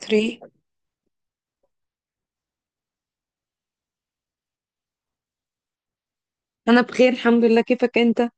3 انا بخير الحمد لله، كيفك انت؟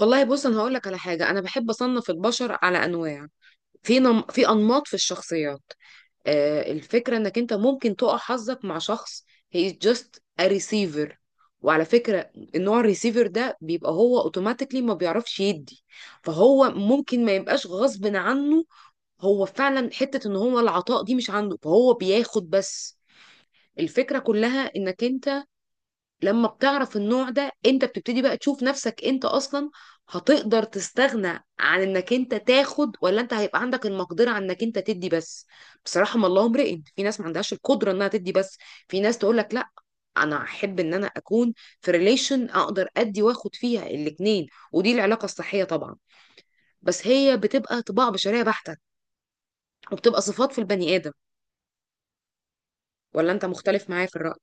والله بص، انا هقول لك على حاجه. انا بحب اصنف البشر على انواع. في انماط في الشخصيات. آه، الفكره انك انت ممكن تقع حظك مع شخص هي just a receiver. وعلى فكره، النوع الريسيفر ده بيبقى هو اوتوماتيكلي ما بيعرفش يدي، فهو ممكن ما يبقاش غصب عنه، هو فعلا حته ان هو العطاء دي مش عنده فهو بياخد بس. الفكره كلها انك انت لما بتعرف النوع ده، انت بتبتدي بقى تشوف نفسك انت اصلا هتقدر تستغنى عن انك انت تاخد، ولا انت هيبقى عندك المقدرة عن انك انت تدي بس. بصراحة ما الله امرئ، في ناس ما عندهاش القدرة انها تدي بس، في ناس تقول لك لا، انا احب ان انا اكون في ريليشن اقدر ادي واخد فيها الاتنين، ودي العلاقة الصحية طبعا. بس هي بتبقى طباع بشرية بحتة، وبتبقى صفات في البني آدم. ولا انت مختلف معايا في الرأي؟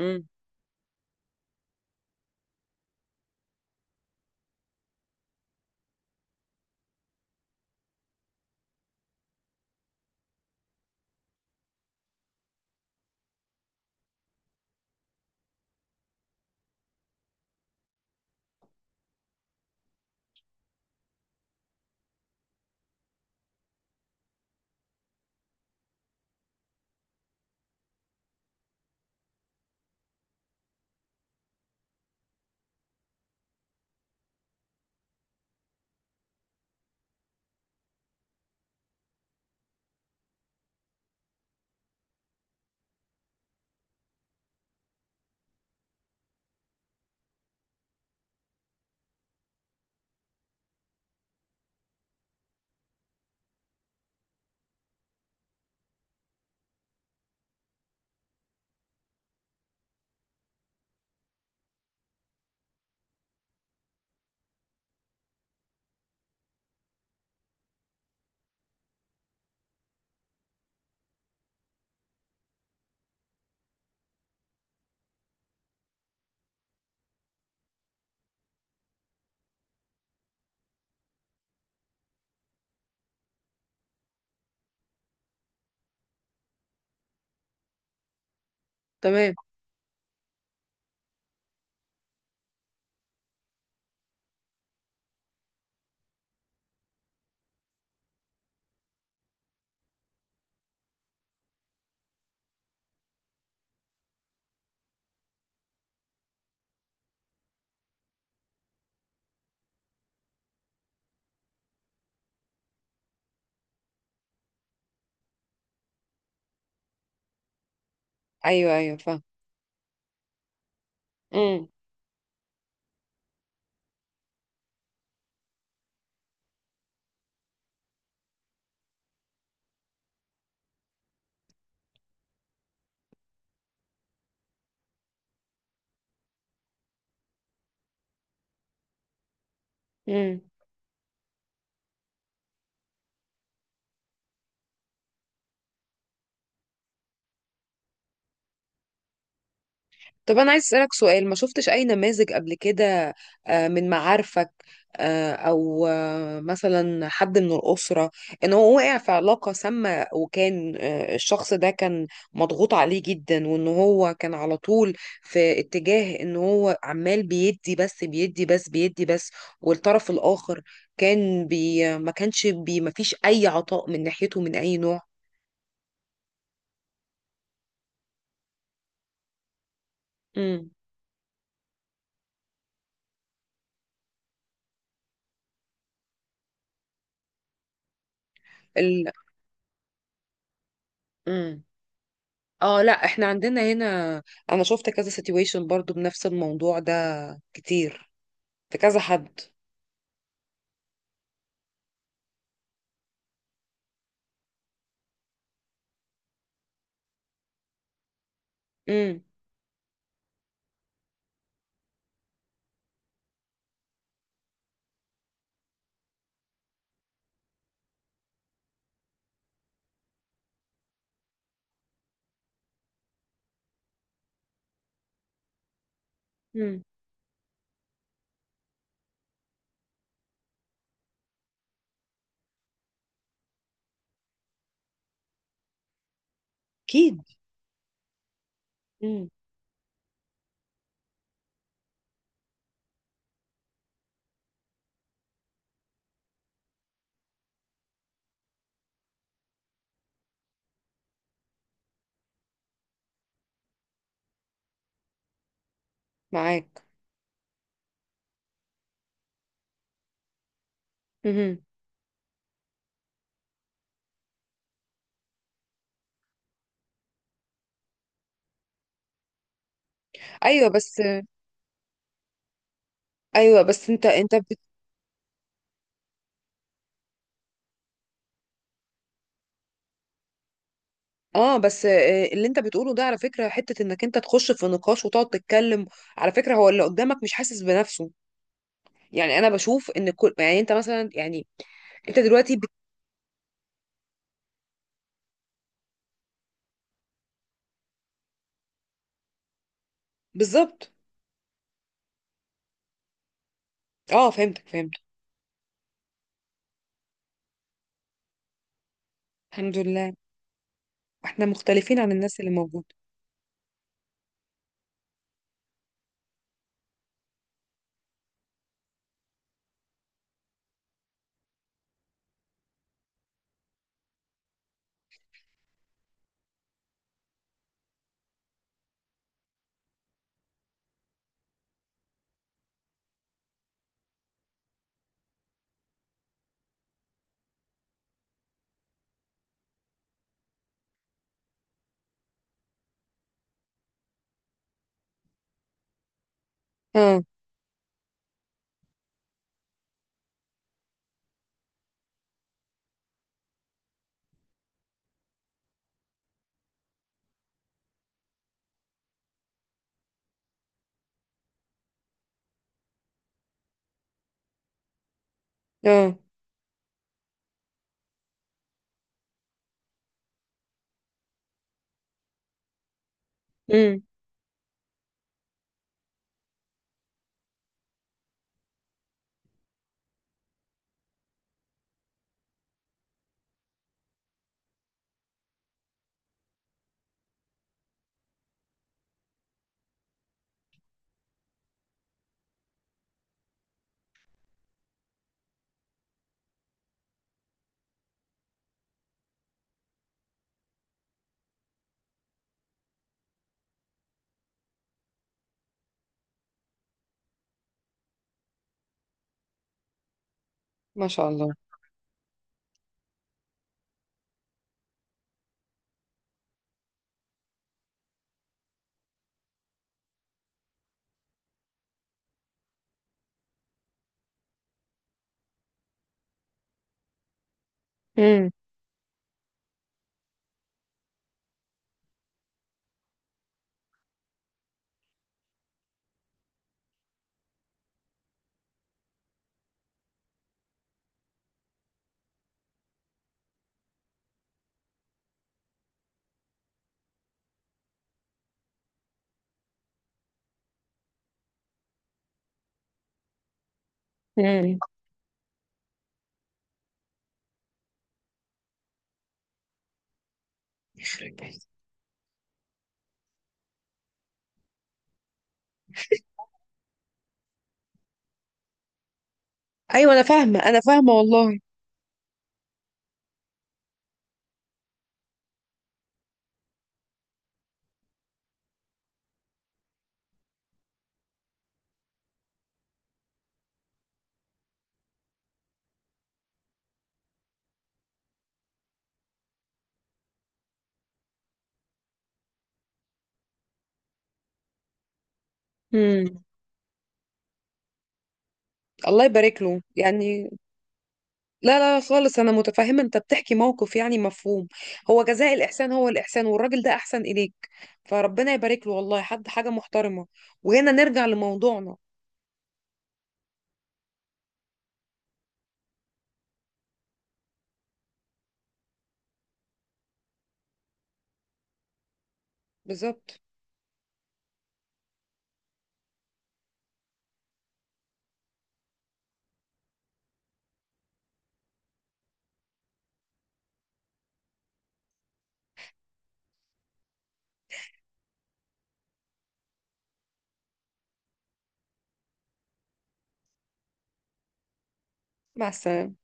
امم. تمام. ايوه ايوه فاهم. امم. طب أنا عايز أسألك سؤال، ما شفتش أي نماذج قبل كده؟ آه، من معارفك، آه، أو آه، مثلا حد من الأسرة، إن هو وقع في علاقة سامة وكان آه، الشخص ده كان مضغوط عليه جدا، وإن هو كان على طول في اتجاه إن هو عمال بيدي بس بيدي بس بيدي بس، والطرف الآخر كان بي ما كانش بي ما فيش أي عطاء من ناحيته من أي نوع. امم. ال... مم. اه لا، احنا عندنا هنا، انا شفت كذا سيتويشن برضو بنفس الموضوع ده كتير، في كذا حد. امم. امم. اكيد. امم. معاك. امم. ايوه بس. ايوه بس، انت اه بس، آه، اللي انت بتقوله ده على فكره حته انك انت تخش في نقاش وتقعد تتكلم. على فكره هو اللي قدامك مش حاسس بنفسه. يعني انا بشوف ان كل، يعني انت مثلا، يعني انت دلوقتي بالظبط. اه فهمتك فهمتك. الحمد لله. احنا مختلفين عن الناس اللي موجوده. اه اه. ما شاء الله. امم. امم. ايوه انا فاهمه انا فاهمه والله. امم. الله يبارك له يعني. لا لا خالص، انا متفهمه، انت بتحكي موقف يعني مفهوم. هو جزاء الاحسان هو الاحسان، والراجل ده احسن اليك، فربنا يبارك له والله، حد حاجه محترمه. وهنا نرجع لموضوعنا. بالظبط. مع السلامه.